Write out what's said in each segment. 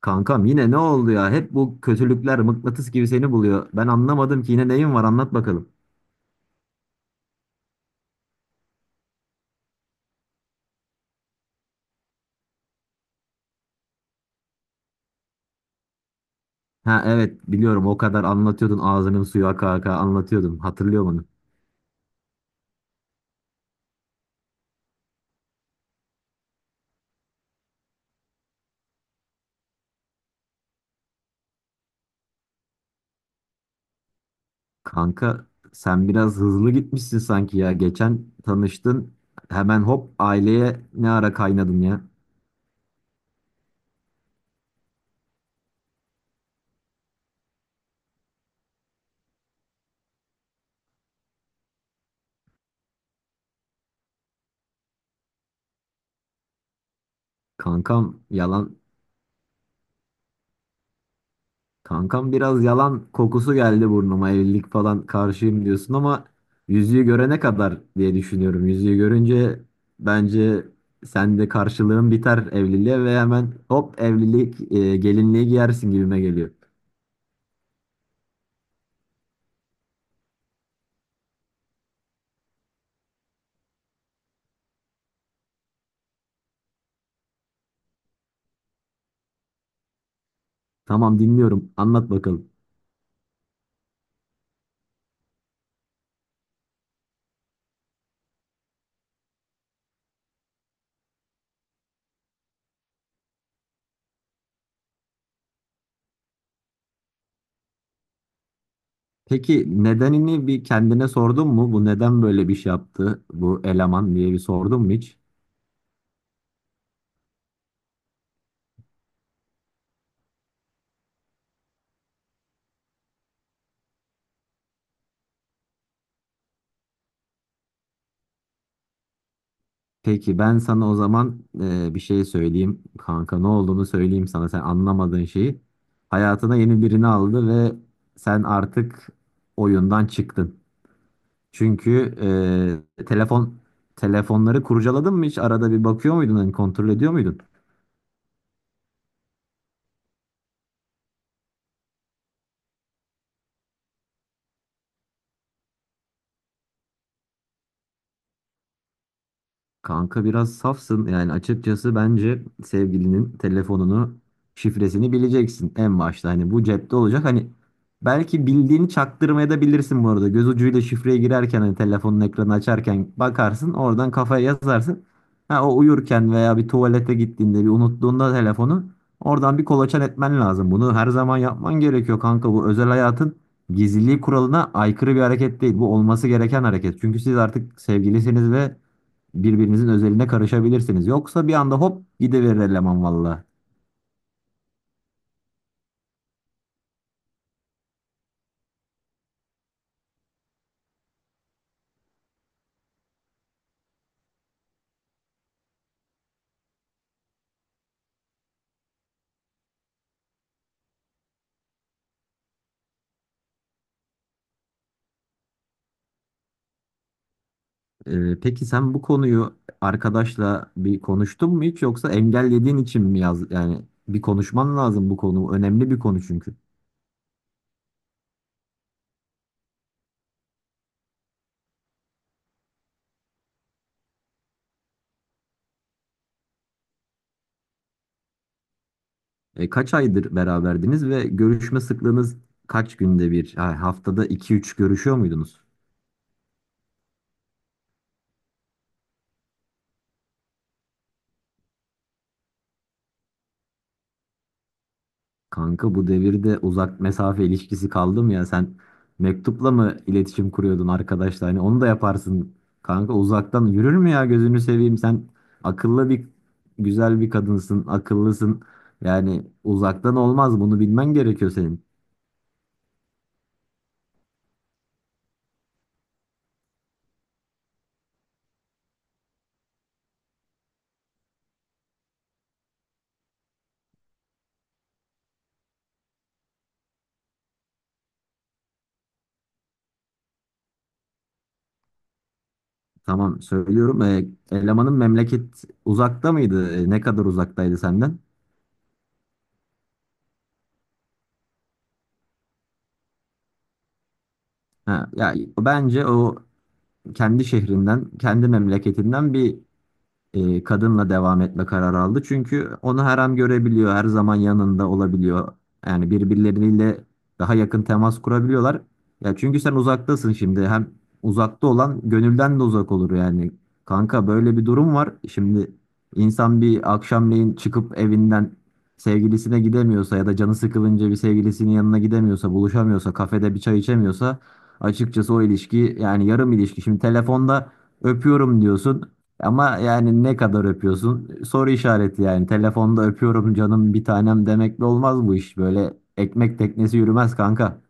Kankam yine ne oldu ya? Hep bu kötülükler mıknatıs gibi seni buluyor. Ben anlamadım ki yine neyin var, anlat bakalım. Ha, evet biliyorum, o kadar anlatıyordun, ağzının suyu aka aka anlatıyordun. Hatırlıyorum onu. Kanka sen biraz hızlı gitmişsin sanki ya. Geçen tanıştın, hemen hop aileye ne ara kaynadın ya. Kankam yalan Kankam biraz yalan kokusu geldi burnuma. Evlilik falan karşıyım diyorsun ama yüzüğü görene kadar diye düşünüyorum. Yüzüğü görünce bence sen de karşılığın biter evliliğe ve hemen hop evlilik gelinliği giyersin gibime geliyor. Tamam, dinliyorum. Anlat bakalım. Peki nedenini bir kendine sordun mu? Bu neden böyle bir şey yaptı bu eleman diye bir sordun mu hiç? Peki ben sana o zaman bir şey söyleyeyim kanka, ne olduğunu söyleyeyim sana, sen anlamadığın şeyi. Hayatına yeni birini aldı ve sen artık oyundan çıktın. Çünkü e, telefon telefonları kurcaladın mı, hiç arada bir bakıyor muydun, hani kontrol ediyor muydun? Kanka biraz safsın. Yani açıkçası bence sevgilinin telefonunu, şifresini bileceksin en başta. Hani bu cepte olacak. Hani belki bildiğini çaktırmaya da bilirsin bu arada. Göz ucuyla şifreye girerken, hani telefonun ekranı açarken bakarsın. Oradan kafaya yazarsın. Ha, o uyurken veya bir tuvalete gittiğinde, bir unuttuğunda telefonu oradan bir kolaçan etmen lazım. Bunu her zaman yapman gerekiyor kanka. Bu özel hayatın gizliliği kuralına aykırı bir hareket değil. Bu olması gereken hareket. Çünkü siz artık sevgilisiniz ve birbirinizin özeline karışabilirsiniz. Yoksa bir anda hop gidiverir eleman valla. Peki sen bu konuyu arkadaşla bir konuştun mu hiç, yoksa engellediğin için mi? Yaz yani, bir konuşman lazım, bu konu önemli bir konu çünkü. Kaç aydır beraberdiniz ve görüşme sıklığınız kaç günde bir? Ha, haftada iki üç görüşüyor muydunuz? Kanka bu devirde uzak mesafe ilişkisi kaldı mı ya? Sen mektupla mı iletişim kuruyordun arkadaşla? Hani onu da yaparsın. Kanka uzaktan yürür mü ya, gözünü seveyim? Sen akıllı bir güzel bir kadınsın, akıllısın. Yani uzaktan olmaz, bunu bilmen gerekiyor senin. Tamam, söylüyorum. Elemanın memleket uzakta mıydı? Ne kadar uzaktaydı senden? Ha, ya bence o kendi şehrinden, kendi memleketinden bir kadınla devam etme kararı aldı. Çünkü onu her an görebiliyor, her zaman yanında olabiliyor. Yani birbirleriyle daha yakın temas kurabiliyorlar. Ya çünkü sen uzaktasın şimdi. Hem uzakta olan gönülden de uzak olur yani. Kanka böyle bir durum var. Şimdi insan bir akşamleyin çıkıp evinden sevgilisine gidemiyorsa ya da canı sıkılınca bir sevgilisinin yanına gidemiyorsa, buluşamıyorsa, kafede bir çay içemiyorsa, açıkçası o ilişki yani yarım ilişki. Şimdi telefonda öpüyorum diyorsun. Ama yani ne kadar öpüyorsun? Soru işareti yani. Telefonda öpüyorum canım, bir tanem demekle olmaz bu iş. Böyle ekmek teknesi yürümez kanka.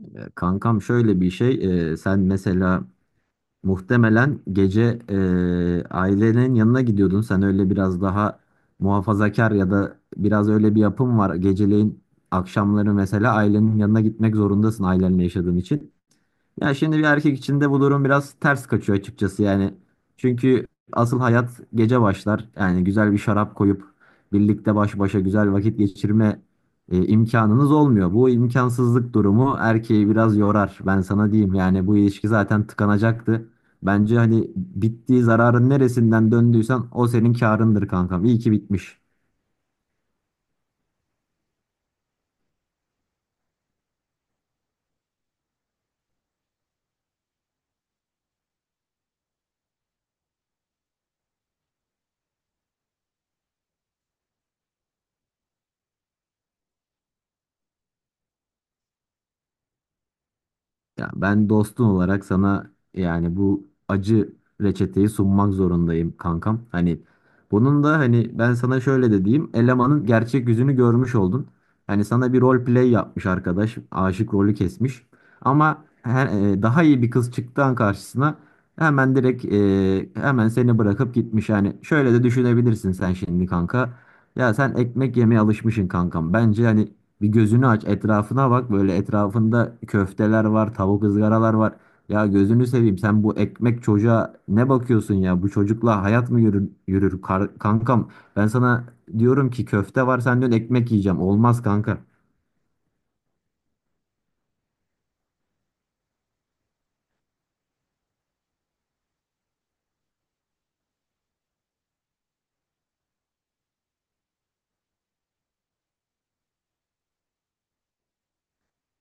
Ya kankam, şöyle bir şey. Sen mesela muhtemelen gece ailenin yanına gidiyordun. Sen öyle biraz daha muhafazakar ya da biraz öyle bir yapım var. Geceleyin, akşamları mesela ailenin yanına gitmek zorundasın ailenle yaşadığın için. Ya şimdi bir erkek için de bu durum biraz ters kaçıyor açıkçası yani. Çünkü asıl hayat gece başlar. Yani güzel bir şarap koyup birlikte baş başa güzel vakit geçirme imkanınız olmuyor. Bu imkansızlık durumu erkeği biraz yorar. Ben sana diyeyim yani, bu ilişki zaten tıkanacaktı. Bence hani bittiği, zararın neresinden döndüysen o senin karındır kankam. İyi ki bitmiş. Ya, ben dostun olarak sana yani bu acı reçeteyi sunmak zorundayım kankam. Hani bunun da hani, ben sana şöyle de diyeyim. Elemanın gerçek yüzünü görmüş oldun. Hani sana bir rol play yapmış arkadaş. Aşık rolü kesmiş. Ama daha iyi bir kız çıktı an karşısına, hemen direkt hemen seni bırakıp gitmiş. Yani şöyle de düşünebilirsin sen şimdi kanka. Ya sen ekmek yemeye alışmışsın kankam. Bence hani bir gözünü aç, etrafına bak. Böyle etrafında köfteler var, tavuk ızgaralar var. Ya gözünü seveyim. Sen bu ekmek çocuğa ne bakıyorsun ya? Bu çocukla hayat mı yürür, yürür kankam? Ben sana diyorum ki köfte var, sen diyorsun ekmek yiyeceğim. Olmaz kanka.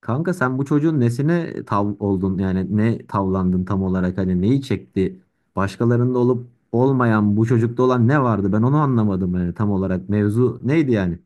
Kanka sen bu çocuğun nesine tav oldun? Yani ne tavlandın tam olarak? Hani neyi çekti? Başkalarında olup olmayan bu çocukta olan ne vardı? Ben onu anlamadım yani tam olarak. Mevzu neydi yani?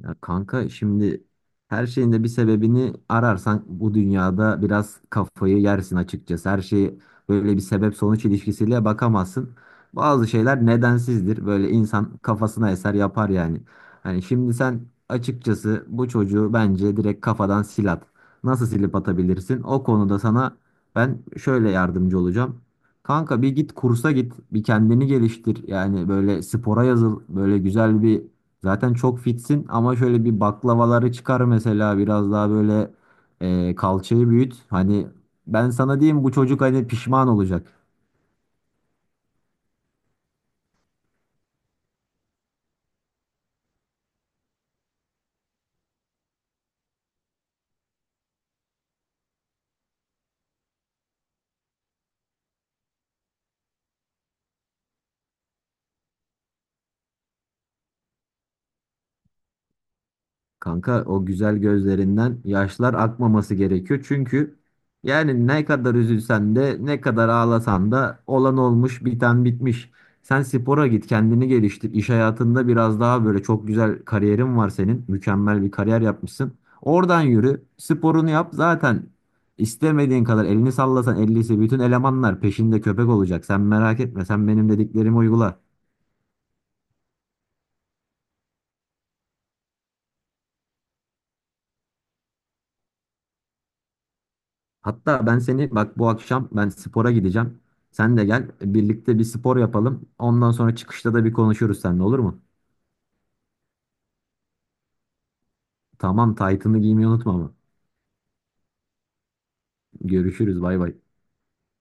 Ya kanka şimdi, her şeyin de bir sebebini ararsan bu dünyada biraz kafayı yersin açıkçası. Her şeyi böyle bir sebep sonuç ilişkisiyle bakamazsın. Bazı şeyler nedensizdir. Böyle insan kafasına eser yapar yani. Hani şimdi sen açıkçası bu çocuğu bence direkt kafadan sil at. Nasıl silip atabilirsin? O konuda sana ben şöyle yardımcı olacağım. Kanka bir git kursa git, bir kendini geliştir. Yani böyle spora yazıl, böyle güzel bir... Zaten çok fitsin ama şöyle bir baklavaları çıkar mesela, biraz daha böyle kalçayı büyüt. Hani ben sana diyeyim, bu çocuk hani pişman olacak. Kanka, o güzel gözlerinden yaşlar akmaması gerekiyor. Çünkü yani ne kadar üzülsen de, ne kadar ağlasan da olan olmuş, biten bitmiş. Sen spora git, kendini geliştir. İş hayatında biraz daha böyle, çok güzel kariyerin var senin. Mükemmel bir kariyer yapmışsın. Oradan yürü, sporunu yap, zaten istemediğin kadar elini sallasan ellisi, bütün elemanlar peşinde köpek olacak. Sen merak etme, sen benim dediklerimi uygula. Hatta ben seni, bak bu akşam ben spora gideceğim. Sen de gel, birlikte bir spor yapalım. Ondan sonra çıkışta da bir konuşuruz seninle, olur mu? Tamam, taytını giymeyi unutma ama. Görüşürüz, bay bay.